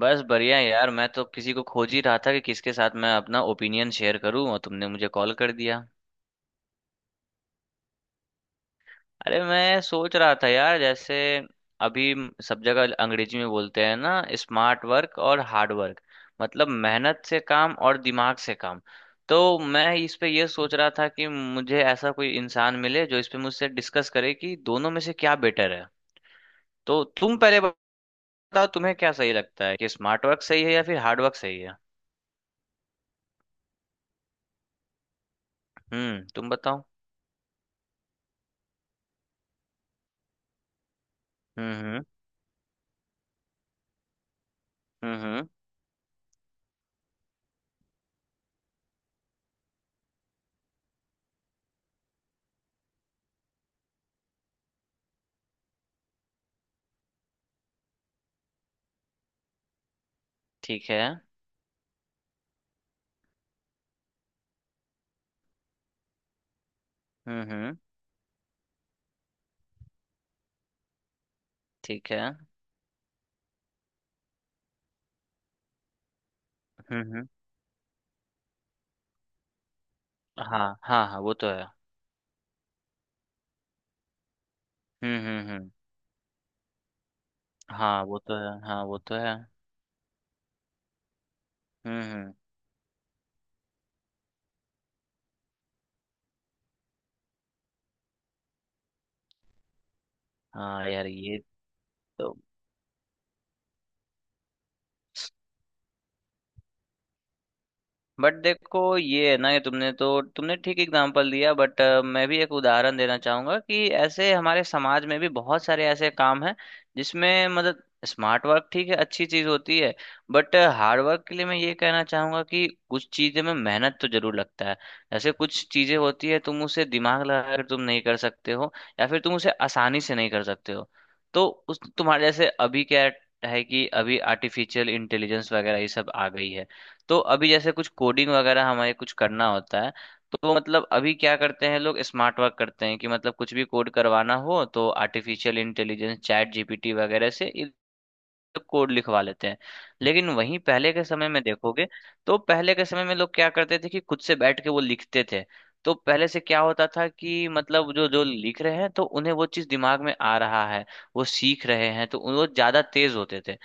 बस बढ़िया है यार। मैं तो किसी को खोज ही रहा था कि किसके साथ मैं अपना ओपिनियन शेयर करूं, और तुमने मुझे कॉल कर दिया। अरे, मैं सोच रहा था यार, जैसे अभी सब जगह अंग्रेजी में बोलते हैं ना, स्मार्ट वर्क और हार्ड वर्क। मतलब मेहनत से काम और दिमाग से काम। तो मैं इस पे ये सोच रहा था कि मुझे ऐसा कोई इंसान मिले जो इस पे मुझसे डिस्कस करे कि दोनों में से क्या बेटर है। तो तुम पहले बताओ, तुम्हें क्या सही लगता है, कि स्मार्ट वर्क सही है या फिर हार्ड वर्क सही है। हम्म, तुम बताओ। हम्म। हम्म। ठीक है। हम्म। ठीक है। हम्म। हाँ हाँ हाँ, वो तो है। हम्म। हाँ वो तो है, हाँ वो तो है। हम्म। हाँ यार ये। तो बट देखो ये है ना कि तुमने ठीक एग्जांपल दिया, बट मैं भी एक उदाहरण देना चाहूंगा कि ऐसे हमारे समाज में भी बहुत सारे ऐसे काम हैं जिसमें मतलब स्मार्ट वर्क ठीक है, अच्छी चीज होती है। बट हार्ड वर्क के लिए मैं ये कहना चाहूंगा कि कुछ चीजें में मेहनत तो जरूर लगता है। जैसे कुछ चीजें होती है तुम उसे दिमाग लगा कर तुम नहीं कर सकते हो, या फिर तुम उसे आसानी से नहीं कर सकते हो। तो उस तुम्हारे जैसे अभी क्या है कि अभी आर्टिफिशियल इंटेलिजेंस वगैरह ये सब आ गई है। तो अभी जैसे कुछ कोडिंग वगैरह हमें कुछ करना होता है, तो मतलब अभी क्या करते हैं लोग, स्मार्ट वर्क करते हैं कि मतलब कुछ भी कोड करवाना हो तो आर्टिफिशियल इंटेलिजेंस चैट जीपीटी वगैरह से तो कोड लिखवा लेते हैं। लेकिन वहीं पहले के समय में देखोगे, तो पहले के समय में लोग क्या करते थे कि खुद से बैठ के वो लिखते थे। तो पहले से क्या होता था कि मतलब जो जो लिख रहे हैं तो उन्हें वो चीज दिमाग में आ रहा है, वो सीख रहे हैं, तो वो ज्यादा तेज होते थे,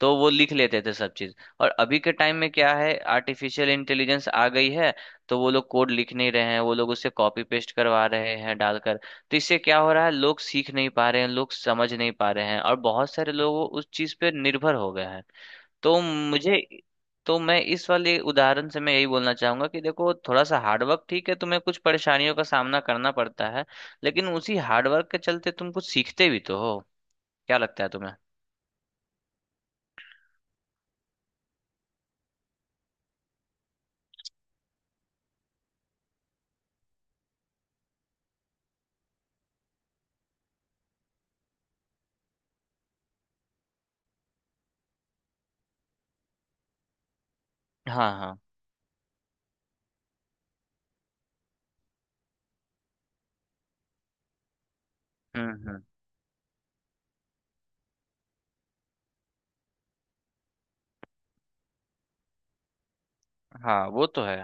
तो वो लिख लेते थे सब चीज। और अभी के टाइम में क्या है, आर्टिफिशियल इंटेलिजेंस आ गई है, तो वो लोग कोड लिख नहीं रहे हैं, वो लोग उससे कॉपी पेस्ट करवा रहे हैं डालकर। तो इससे क्या हो रहा है, लोग सीख नहीं पा रहे हैं, लोग समझ नहीं पा रहे हैं, और बहुत सारे लोग उस चीज पे निर्भर हो गए हैं। तो मुझे तो मैं इस वाले उदाहरण से मैं यही बोलना चाहूंगा कि देखो थोड़ा सा हार्डवर्क ठीक है, तुम्हें कुछ परेशानियों का सामना करना पड़ता है, लेकिन उसी हार्डवर्क के चलते तुम कुछ सीखते भी तो हो। क्या लगता है तुम्हें। हाँ हाँ। हम्म। हाँ वो तो है।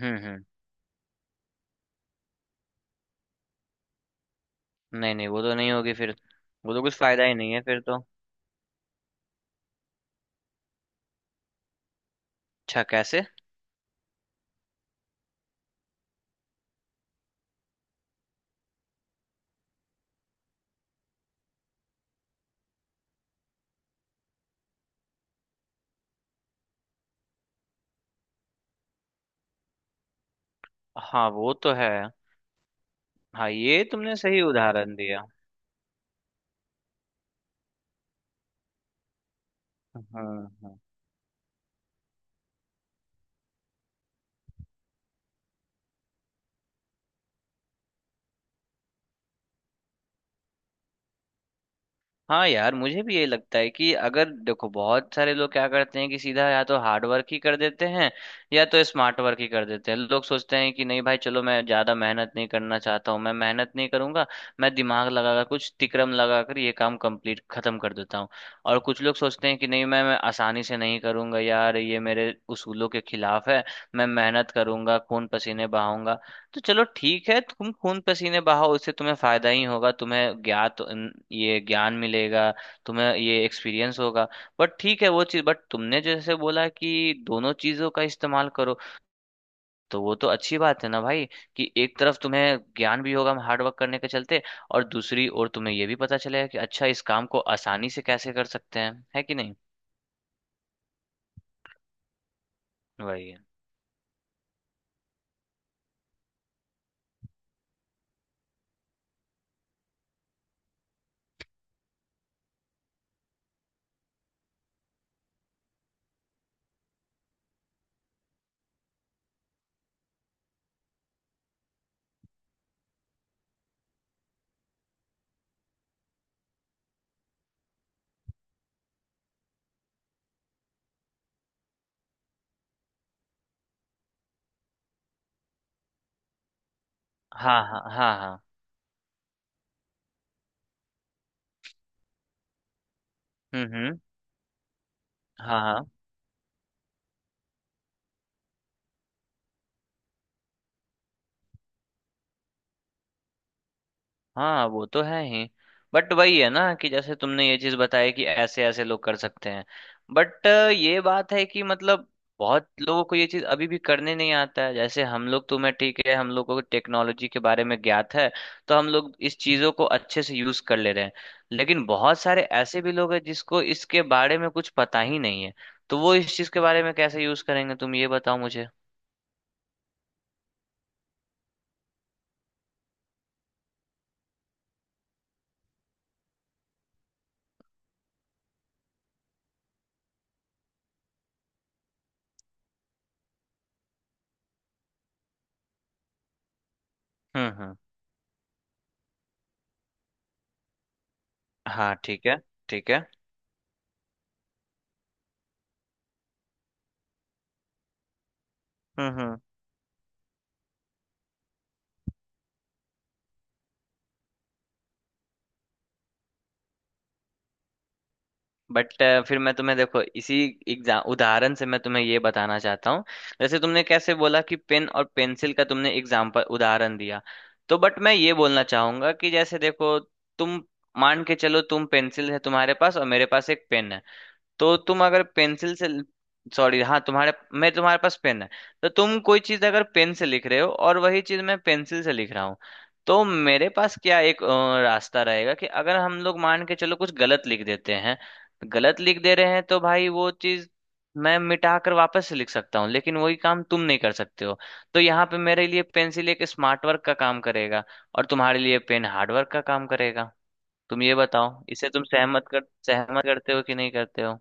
हम्म। नहीं नहीं, वो तो नहीं होगी फिर। वो तो कुछ फायदा ही नहीं है फिर तो। अच्छा कैसे। हाँ वो तो है। हाँ, ये तुमने सही उदाहरण दिया। हाँ। हाँ। हाँ यार मुझे भी ये लगता है कि अगर देखो बहुत सारे लोग क्या करते हैं कि सीधा या तो हार्ड वर्क ही कर देते हैं या तो स्मार्ट वर्क ही कर देते हैं। लोग सोचते हैं कि नहीं भाई चलो मैं ज्यादा मेहनत नहीं करना चाहता हूँ, मैं मेहनत नहीं करूंगा, मैं दिमाग लगाकर कुछ तिकड़म लगाकर ये काम कंप्लीट खत्म कर देता हूँ। और कुछ लोग सोचते हैं कि नहीं, मैं आसानी से नहीं करूंगा यार, ये मेरे उसूलों के खिलाफ है, मैं मेहनत करूंगा, खून पसीने बहाऊंगा। तो चलो ठीक है तुम खून पसीने बहाओ, उससे तुम्हें फायदा ही होगा, तुम्हें ये ज्ञान मिलेगा, तुम्हें ये एक्सपीरियंस होगा। बट ठीक है वो चीज़, बट तुमने जैसे बोला कि दोनों चीज़ों का इस्तेमाल करो, तो वो तो अच्छी बात है ना भाई, कि एक तरफ तुम्हें ज्ञान भी होगा हार्ड वर्क करने के चलते, और दूसरी ओर तुम्हें ये भी पता चलेगा कि अच्छा इस काम को आसानी से कैसे कर सकते हैं, है कि नहीं। वही है। हाँ हाँ हाँ हाँ। हम्म। हाँ हाँ। हाँ वो तो है ही। बट वही है ना कि जैसे तुमने ये चीज बताई कि ऐसे ऐसे लोग कर सकते हैं, बट ये बात है कि मतलब बहुत लोगों को ये चीज अभी भी करने नहीं आता है। जैसे हम लोग तो, मैं ठीक है, हम लोग को टेक्नोलॉजी के बारे में ज्ञात है, तो हम लोग इस चीजों को अच्छे से यूज कर ले रहे हैं। लेकिन बहुत सारे ऐसे भी लोग हैं जिसको इसके बारे में कुछ पता ही नहीं है, तो वो इस चीज के बारे में कैसे यूज करेंगे, तुम ये बताओ मुझे। हम्म। हाँ ठीक है। ठीक है। हम्म। बट फिर मैं तुम्हें देखो इसी एग्जाम उदाहरण से मैं तुम्हें ये बताना चाहता हूँ, जैसे तुमने कैसे बोला कि पेन और पेंसिल का तुमने एग्जाम्पल उदाहरण दिया, तो बट मैं ये बोलना चाहूंगा कि जैसे देखो, तुम मान के चलो तुम पेंसिल है तुम्हारे पास और मेरे पास एक पेन है। तो तुम अगर पेंसिल से सॉरी हाँ तुम्हारे मैं तुम्हारे पास पेन है, तो तुम कोई चीज अगर पेन से लिख रहे हो और वही चीज मैं पेंसिल से लिख रहा हूँ, तो मेरे पास क्या, एक रास्ता रहेगा कि अगर हम लोग मान के चलो कुछ गलत लिख देते हैं, गलत लिख दे रहे हैं, तो भाई वो चीज मैं मिटा कर वापस से लिख सकता हूँ, लेकिन वही काम तुम नहीं कर सकते हो। तो यहाँ पे मेरे लिए पेंसिल एक स्मार्ट वर्क का काम करेगा और तुम्हारे लिए पेन हार्ड वर्क का काम करेगा। तुम ये बताओ, इसे तुम सहमत कर, सहमत करते हो कि नहीं करते हो।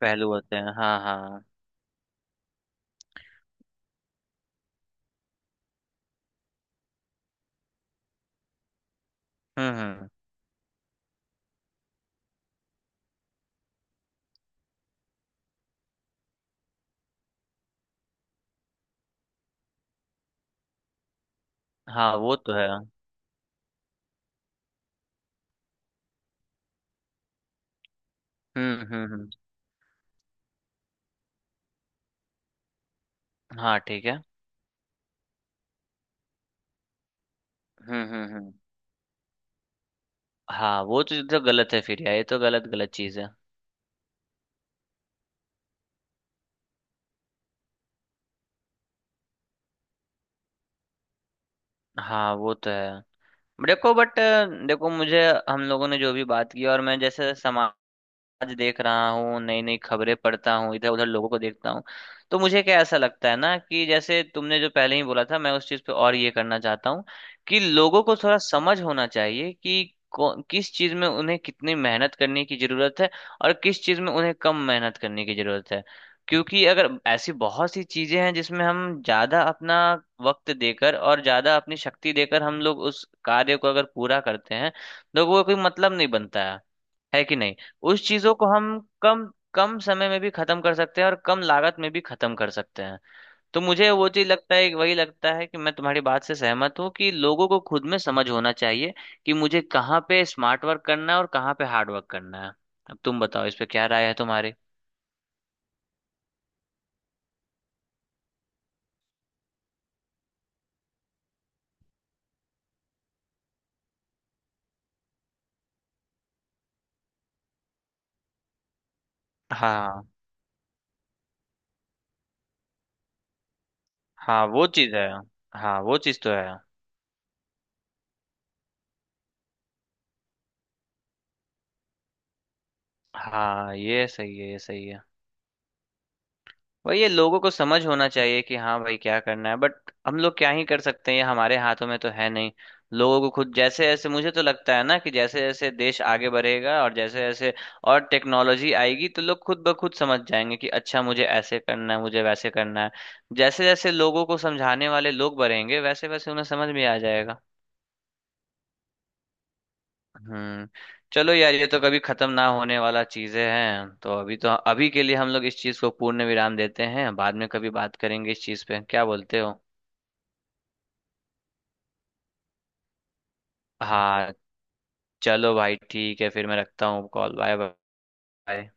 पहलू होते हैं। हाँ हाँ। हम्म। हाँ वो तो है। हम्म। हाँ ठीक है। हम्म। हाँ वो तो गलत है फिर यार, ये तो गलत गलत चीज़ है। हाँ वो तो है। देखो बट देखो मुझे हम लोगों ने जो भी बात की, और मैं जैसे समाज आज देख रहा हूँ, नई नई खबरें पढ़ता हूँ, इधर उधर लोगों को देखता हूँ, तो मुझे क्या ऐसा लगता है ना कि जैसे तुमने जो पहले ही बोला था, मैं उस चीज़ पे और ये करना चाहता हूँ कि लोगों को थोड़ा समझ होना चाहिए कि किस चीज़ में उन्हें कितनी मेहनत करने की ज़रूरत है और किस चीज़ में उन्हें कम मेहनत करने की ज़रूरत है। क्योंकि अगर ऐसी बहुत सी चीज़ें हैं जिसमें हम ज़्यादा अपना वक्त देकर और ज़्यादा अपनी शक्ति देकर हम लोग उस कार्य को अगर पूरा करते हैं, तो वो कोई मतलब नहीं बनता है कि नहीं। उस चीजों को हम कम कम समय में भी खत्म कर सकते हैं और कम लागत में भी खत्म कर सकते हैं। तो मुझे वो चीज लगता है, वही लगता है कि मैं तुम्हारी बात से सहमत हूँ कि लोगों को खुद में समझ होना चाहिए कि मुझे कहाँ पे स्मार्ट वर्क करना है और कहाँ पे हार्ड वर्क करना है। अब तुम बताओ इस पे क्या राय है तुम्हारी। हाँ। हाँ वो चीज है, हाँ वो चीज तो है। हाँ ये सही है, ये सही है। वही, ये लोगों को समझ होना चाहिए कि हाँ भाई क्या करना है, बट हम लोग क्या ही कर सकते हैं, ये हमारे हाथों में तो है नहीं। लोगों को खुद, जैसे जैसे मुझे तो लगता है ना कि जैसे जैसे देश आगे बढ़ेगा और जैसे जैसे और टेक्नोलॉजी आएगी, तो लोग खुद ब खुद समझ जाएंगे कि अच्छा मुझे ऐसे करना है, मुझे वैसे करना है। जैसे जैसे लोगों को समझाने वाले लोग बढ़ेंगे, वैसे वैसे उन्हें समझ में आ जाएगा। हम्म। चलो यार ये तो कभी खत्म ना होने वाला चीजें हैं, तो अभी तो, अभी के लिए हम लोग इस चीज को पूर्ण विराम देते हैं, बाद में कभी बात करेंगे इस चीज पे, क्या बोलते हो। हाँ। चलो भाई ठीक है, फिर मैं रखता हूँ कॉल, बाय। बाय।